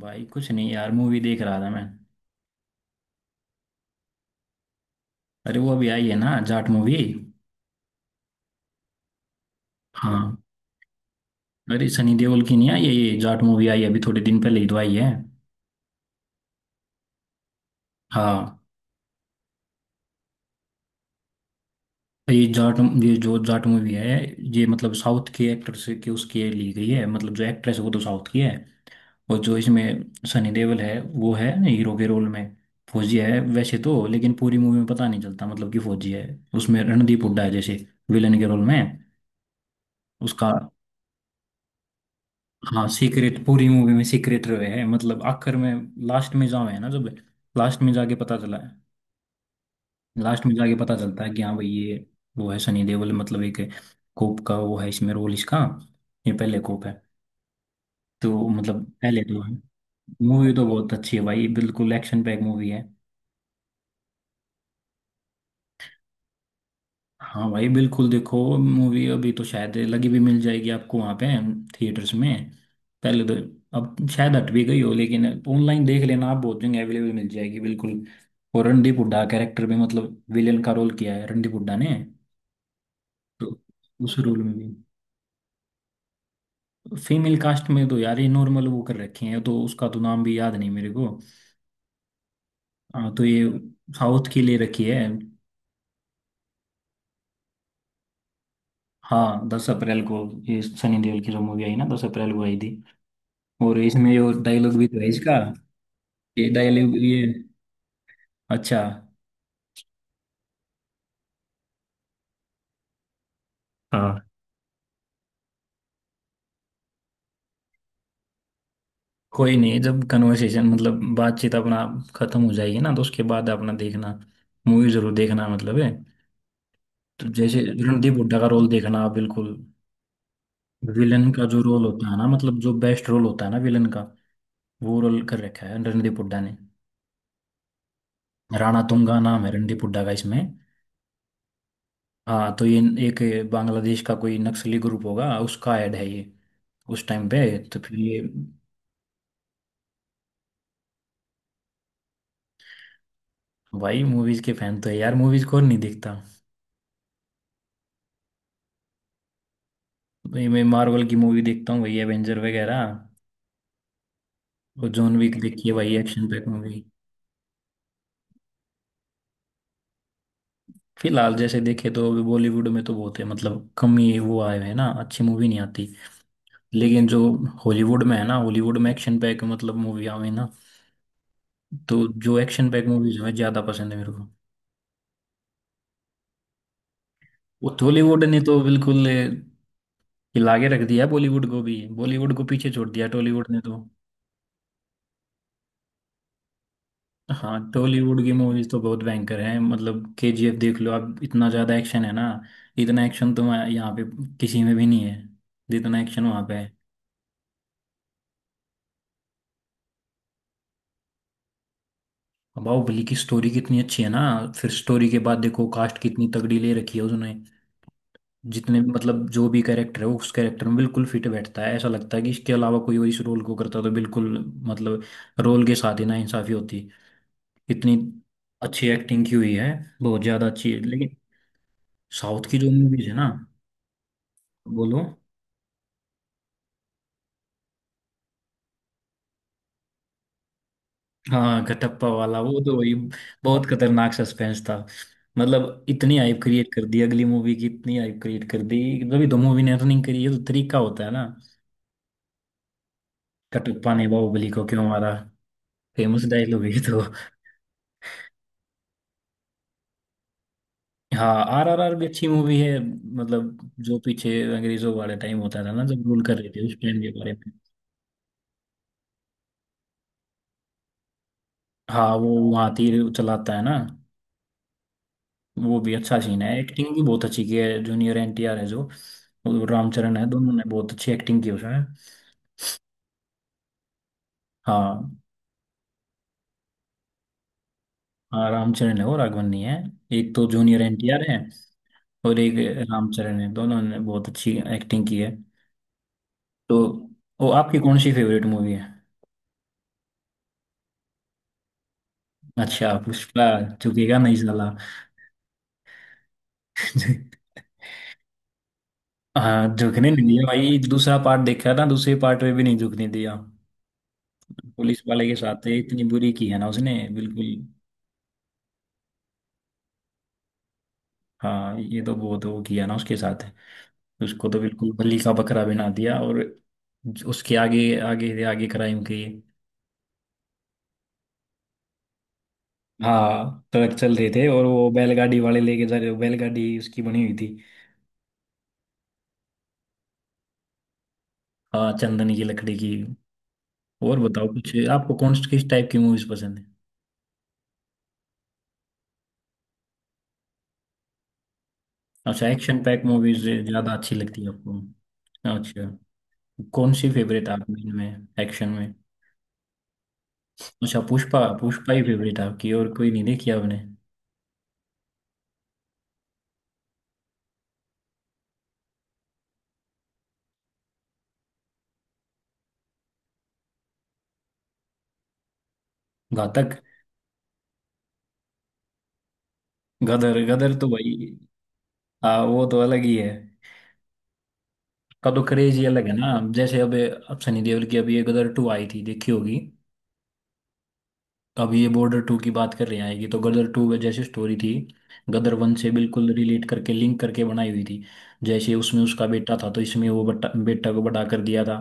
भाई कुछ नहीं यार, मूवी देख रहा था मैं। अरे, वो अभी आई है ना, जाट मूवी। हाँ। अरे, सनी देओल की नहीं आई है ये जाट मूवी? आई है अभी थोड़े दिन पहले ही तो आई है। हाँ। ये जाट, ये जो जाट मूवी है, ये मतलब साउथ के एक्टर से के उसकी ली गई है। मतलब जो एक्ट्रेस है वो तो साउथ की है। और जो इसमें सनी देओल है वो है हीरो के रोल में। फौजी है वैसे तो, लेकिन पूरी मूवी में पता नहीं चलता मतलब कि फौजी है। उसमें रणदीप हुड्डा है जैसे विलन के रोल में। उसका, हाँ सीक्रेट, पूरी मूवी में सीक्रेट रहे है, मतलब आखिर में, लास्ट में जाओ है ना, जब लास्ट में जाके पता चला है। लास्ट में जाके पता चलता है कि हाँ भाई ये वो है सनी देओल। मतलब एक कोप का वो है इसमें रोल इसका। ये पहले कोप है। तो मतलब पहले तो, मूवी तो बहुत अच्छी है भाई, बिल्कुल एक्शन पैक मूवी है। हाँ भाई, बिल्कुल देखो मूवी। अभी तो शायद लगी भी मिल जाएगी आपको वहाँ पे थिएटर्स में। पहले तो, अब शायद हट भी गई हो, लेकिन ऑनलाइन देख लेना आप, बहुत जगह अवेलेबल मिल जाएगी बिल्कुल। और रणदीप हुड्डा कैरेक्टर में, मतलब विलेन का रोल किया है रणदीप हुड्डा ने। तो उस रोल में भी, फीमेल कास्ट में तो यार ये नॉर्मल वो कर रखे हैं, तो उसका तो नाम भी याद नहीं मेरे को। हाँ तो ये साउथ की ले रखी है। हाँ, 10 अप्रैल को, ये सनी देओल की जो मूवी आई ना, 10 अप्रैल को आई थी। और इसमें जो डायलॉग भी तो है इसका, ये डायलॉग ये, अच्छा, हाँ। कोई नहीं, जब कन्वर्सेशन मतलब बातचीत अपना खत्म हो जाएगी ना, तो उसके बाद अपना देखना मूवी जरूर देखना, मतलब है। तो जैसे रणदीप हुड्डा का रोल देखना आप बिल्कुल। विलन का जो रोल होता है ना, मतलब जो बेस्ट रोल होता है ना विलन का, वो रोल कर रखा है रणदीप हुड्डा ने। राणा तुंगा नाम है रणदीप हुड्डा का इसमें। हाँ तो ये एक बांग्लादेश का कोई नक्सली ग्रुप होगा, उसका ऐड है ये उस टाइम पे। तो फिर ये, भाई मूवीज के फैन तो है यार, मूवीज कौन नहीं देखता। भाई, मैं मार्वल की मूवी देखता हूँ भाई, एवेंजर वगैरह। और जॉन विक देखी है भाई, एक्शन पैक मूवी। फिलहाल जैसे देखे तो अभी बॉलीवुड में तो बहुत है, मतलब कम ही वो आए हैं ना, अच्छी मूवी नहीं आती। लेकिन जो हॉलीवुड में है ना, हॉलीवुड में एक्शन पैक मतलब मूवी आवे ना, तो जो एक्शन पैक मूवीज हैं, ज्यादा पसंद है मेरे को। वो टॉलीवुड ने तो बिल्कुल हिला के रख दिया बॉलीवुड को भी, बॉलीवुड को पीछे छोड़ दिया टॉलीवुड ने तो। हाँ टॉलीवुड की मूवीज तो बहुत भयंकर हैं, मतलब केजीएफ देख लो आप, इतना ज्यादा एक्शन है ना। इतना एक्शन तो यहाँ पे किसी में भी नहीं है, जितना एक्शन वहाँ पे है। बाहुबली की स्टोरी कितनी अच्छी है ना। फिर स्टोरी के बाद देखो, कास्ट कितनी तगड़ी ले रखी है उसने। जितने मतलब जो भी कैरेक्टर है, वो उस कैरेक्टर में बिल्कुल फिट बैठता है, ऐसा लगता है कि इसके अलावा कोई और इस रोल को करता तो बिल्कुल, मतलब रोल के साथ ही ना इंसाफी होती इतनी। अच्छी एक्टिंग की हुई है, बहुत ज्यादा अच्छी है। लेकिन साउथ की जो मूवीज है ना, बोलो। हाँ, कटप्पा वाला वो, तो वही, बहुत खतरनाक सस्पेंस था। मतलब इतनी हाइप क्रिएट कर दी अगली मूवी की, इतनी हाइप क्रिएट कर दी, तभी तो मूवी ने अर्निंग करी है। तो तरीका होता है ना। कटप्पा ने बाहुबली को क्यों मारा, फेमस डायलॉग है ये तो। हाँ, RRR भी अच्छी मूवी है। मतलब जो पीछे अंग्रेजों वाले टाइम होता था ना, जब रूल कर रहे थे, उस टाइम के बारे में। हाँ, वो वहाँ तीर चलाता है ना, वो भी अच्छा सीन है। एक्टिंग भी बहुत अच्छी की है, जूनियर एनटीआर है जो, और रामचरण है, दोनों ने बहुत अच्छी एक्टिंग की उसमें। हाँ, हाँ, रामचरण है और राघवन नहीं है। एक तो जूनियर एनटीआर है और एक रामचरण है, दोनों ने बहुत अच्छी एक्टिंग की है। तो वो आपकी कौन सी फेवरेट मूवी है? अच्छा पुष्पा, झुकेगा नहीं साला। हाँ, झुकने नहीं दिया भाई। दूसरा पार्ट देखा था, दूसरे पार्ट में भी नहीं झुकने दिया। पुलिस वाले के साथ इतनी बुरी की है ना उसने बिल्कुल। हाँ ये तो बहुत वो किया ना उसके साथ। उसको तो बिल्कुल बलि का बकरा बना दिया, और उसके आगे, आगे आगे क्राइम किए। हाँ ट्रक चल रहे थे, और वो बैलगाड़ी वाले लेके जा रहे, बैलगाड़ी उसकी बनी हुई थी। हाँ, चंदन की लकड़ी की। और बताओ कुछ, आपको किस टाइप की मूवीज पसंद है? अच्छा, एक्शन पैक मूवीज ज्यादा अच्छी लगती है आपको। अच्छा, कौन सी फेवरेट है आपकी इनमें एक्शन में? अच्छा, पुष्पा, पुष्पा ही फेवरेट आपकी, और कोई नहीं देखी आपने? घातक, गदर। गदर तो भाई, हाँ वो तो अलग ही है, का तो क्रेज ही अलग है ना। जैसे अब सनी देओल की अभी ये गदर टू आई थी, देखी होगी। अब ये बॉर्डर टू की बात कर रहे हैं, आएगी। तो गदर टू में जैसे स्टोरी थी, गदर वन से बिल्कुल रिलेट करके, लिंक करके बनाई हुई थी। जैसे उसमें उसका बेटा था, तो इसमें वो बट्टा बेटा को बड़ा कर दिया था,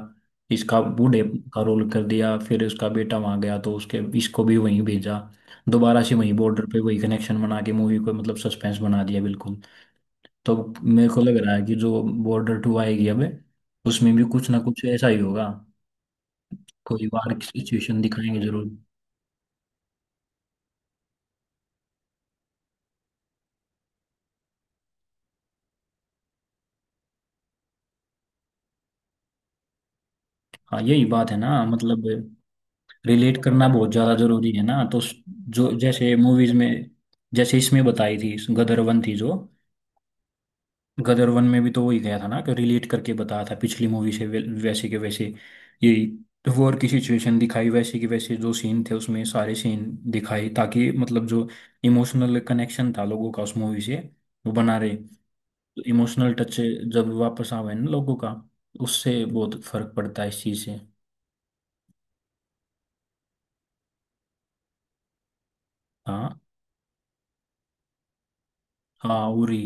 इसका बूढ़े का रोल कर दिया। फिर उसका बेटा वहां गया, तो उसके इसको भी वहीं भेजा, दोबारा से वहीं बॉर्डर पे वही कनेक्शन बना के मूवी को मतलब सस्पेंस बना दिया बिल्कुल। तो मेरे को लग रहा है कि जो बॉर्डर टू आएगी अब, उसमें भी कुछ ना कुछ ऐसा ही होगा, कोई वार की सिचुएशन दिखाएंगे जरूर। हाँ यही बात है ना, मतलब रिलेट करना बहुत ज़्यादा ज़रूरी है ना। तो जो जैसे मूवीज़ में, जैसे इसमें बताई थी, गदर वन थी जो, गदर वन में भी तो वही गया था ना, कि रिलेट करके बताया था पिछली मूवी से, वैसे के वैसे ये वॉर की सिचुएशन दिखाई, वैसे के वैसे जो सीन थे उसमें, सारे सीन दिखाए, ताकि मतलब जो इमोशनल कनेक्शन था लोगों का उस मूवी से, वो बना रहे। तो इमोशनल टच जब वापस आवे ना लोगों का, उससे बहुत फर्क पड़ता है इस चीज़ से। हाँ, हाँ, उरी,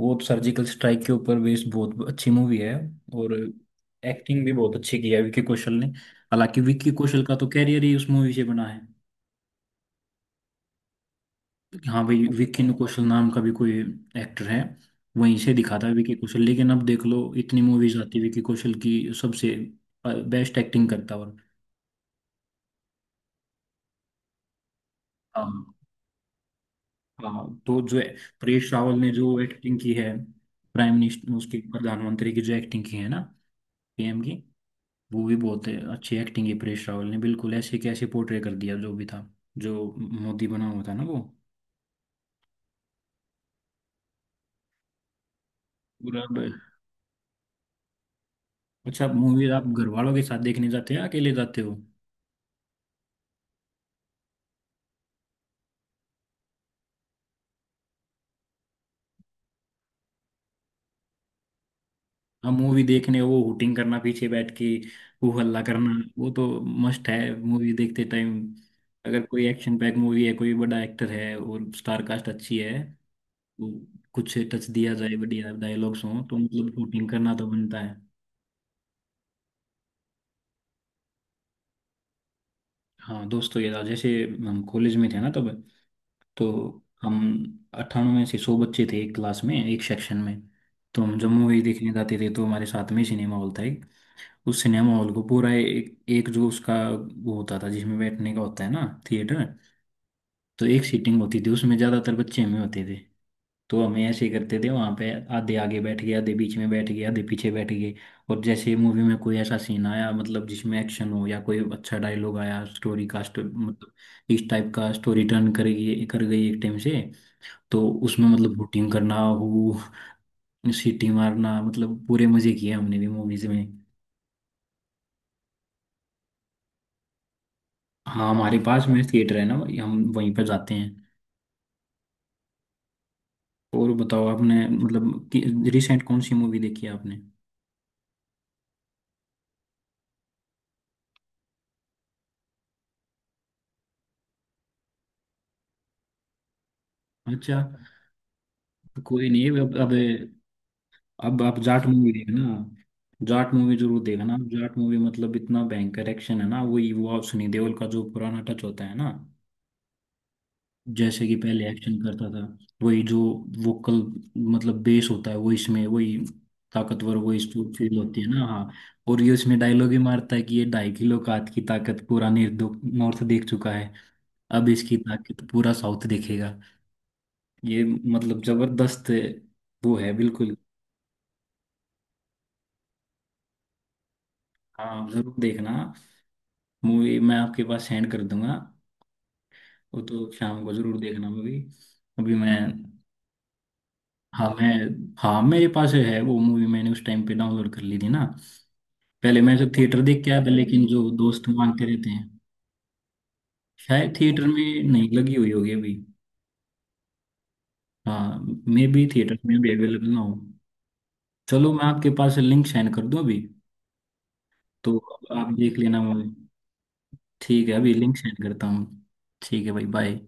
वो तो सर्जिकल स्ट्राइक के ऊपर बेस्ड बहुत अच्छी मूवी है। और एक्टिंग भी बहुत अच्छी की है विक्की कौशल ने, हालांकि विक्की कौशल का तो कैरियर ही उस मूवी से बना है। कि हाँ भाई, विक्की कौशल नाम का भी कोई एक्टर है, वहीं से दिखा था विक्की कौशल। लेकिन अब देख लो, इतनी मूवीज आती है विक्की कौशल की, सबसे बेस्ट एक्टिंग करता है। और हाँ, हाँ तो जो है, परेश रावल ने जो एक्टिंग की है, प्राइम मिनिस्टर उसके, प्रधानमंत्री की जो एक्टिंग की है ना, पीएम की, वो भी बहुत अच्छी एक्टिंग है। परेश रावल ने बिल्कुल ऐसे कैसे पोर्ट्रे कर दिया जो भी था, जो मोदी बना हुआ था ना वो पूरा अच्छा, मूवी आप घर वालों के साथ देखने जाते हो या अकेले जाते हो? आप मूवी देखने वो हुटिंग करना पीछे बैठ के, हू हल्ला करना, वो तो मस्ट है मूवी देखते टाइम। अगर कोई एक्शन पैक मूवी है, कोई बड़ा एक्टर है और स्टार कास्ट अच्छी है, तो कुछ टच दिया जाए, बढ़िया डायलॉग्स हों, तो मतलब हुटिंग करना तो बनता है। हाँ दोस्तों, ये था जैसे हम कॉलेज में थे ना तब, तो हम 98 से 100 बच्चे थे एक क्लास में, एक सेक्शन में। तो हम जब मूवी देखने जाते थे, तो हमारे साथ में ही सिनेमा हॉल था एक। उस सिनेमा हॉल को पूरा एक जो उसका वो होता था जिसमें बैठने का होता है ना, थिएटर, तो एक सीटिंग होती थी उसमें, ज़्यादातर बच्चे हमें होते थे। तो हमें ऐसे करते थे वहाँ पे, आधे आगे बैठ गए, आधे बीच में बैठ गए, आधे पीछे बैठ गए। और जैसे मूवी में कोई ऐसा सीन आया, मतलब जिसमें एक्शन हो या कोई अच्छा डायलॉग आया, स्टोरी का मतलब इस टाइप का स्टोरी टर्न कर गई, कर गई एक टाइम से, तो उसमें मतलब बोटिंग करना, वो सीटी मारना, मतलब पूरे मजे किए हमने भी मूवीज में। हाँ हमारे पास में थिएटर है ना भाई, हम वहीं पर जाते हैं। और बताओ, आपने मतलब कि रिसेंट कौन सी मूवी देखी है आपने? अच्छा, कोई नहीं। अब आप जाट मूवी देखना, जाट मूवी जरूर देखना। जाट मूवी मतलब इतना भयंकर एक्शन है ना, वही वो आप सनी देओल का जो पुराना टच होता है ना, जैसे कि पहले एक्शन करता था, वही जो वोकल, मतलब बेस होता है वो, इसमें वही ताकतवर वो इस फील होती है ना। हाँ, और ये इसमें डायलॉग ही मारता है कि ये 2.5 किलो का हाथ की ताकत पूरा नॉर्थ देख चुका है, अब इसकी ताकत पूरा साउथ देखेगा। ये मतलब जबरदस्त वो है बिल्कुल। हाँ जरूर देखना मूवी, मैं आपके पास सेंड कर दूंगा। वो तो शाम को जरूर देखना मूवी। अभी मैं, हाँ, मैं, हाँ, मेरे पास है वो मूवी, मैंने उस टाइम पे डाउनलोड कर ली थी ना। पहले मैं तो थिएटर देख के आया था, लेकिन जो दोस्त मांगते रहते हैं, शायद थिएटर में नहीं लगी हुई होगी अभी। हाँ, मे भी थिएटर में भी अवेलेबल ना हो। चलो मैं आपके पास लिंक सेंड कर दूँ अभी। तो आप देख लेना मूवी। ठीक है, अभी लिंक सेंड करता हूँ। ठीक है भाई, बाय।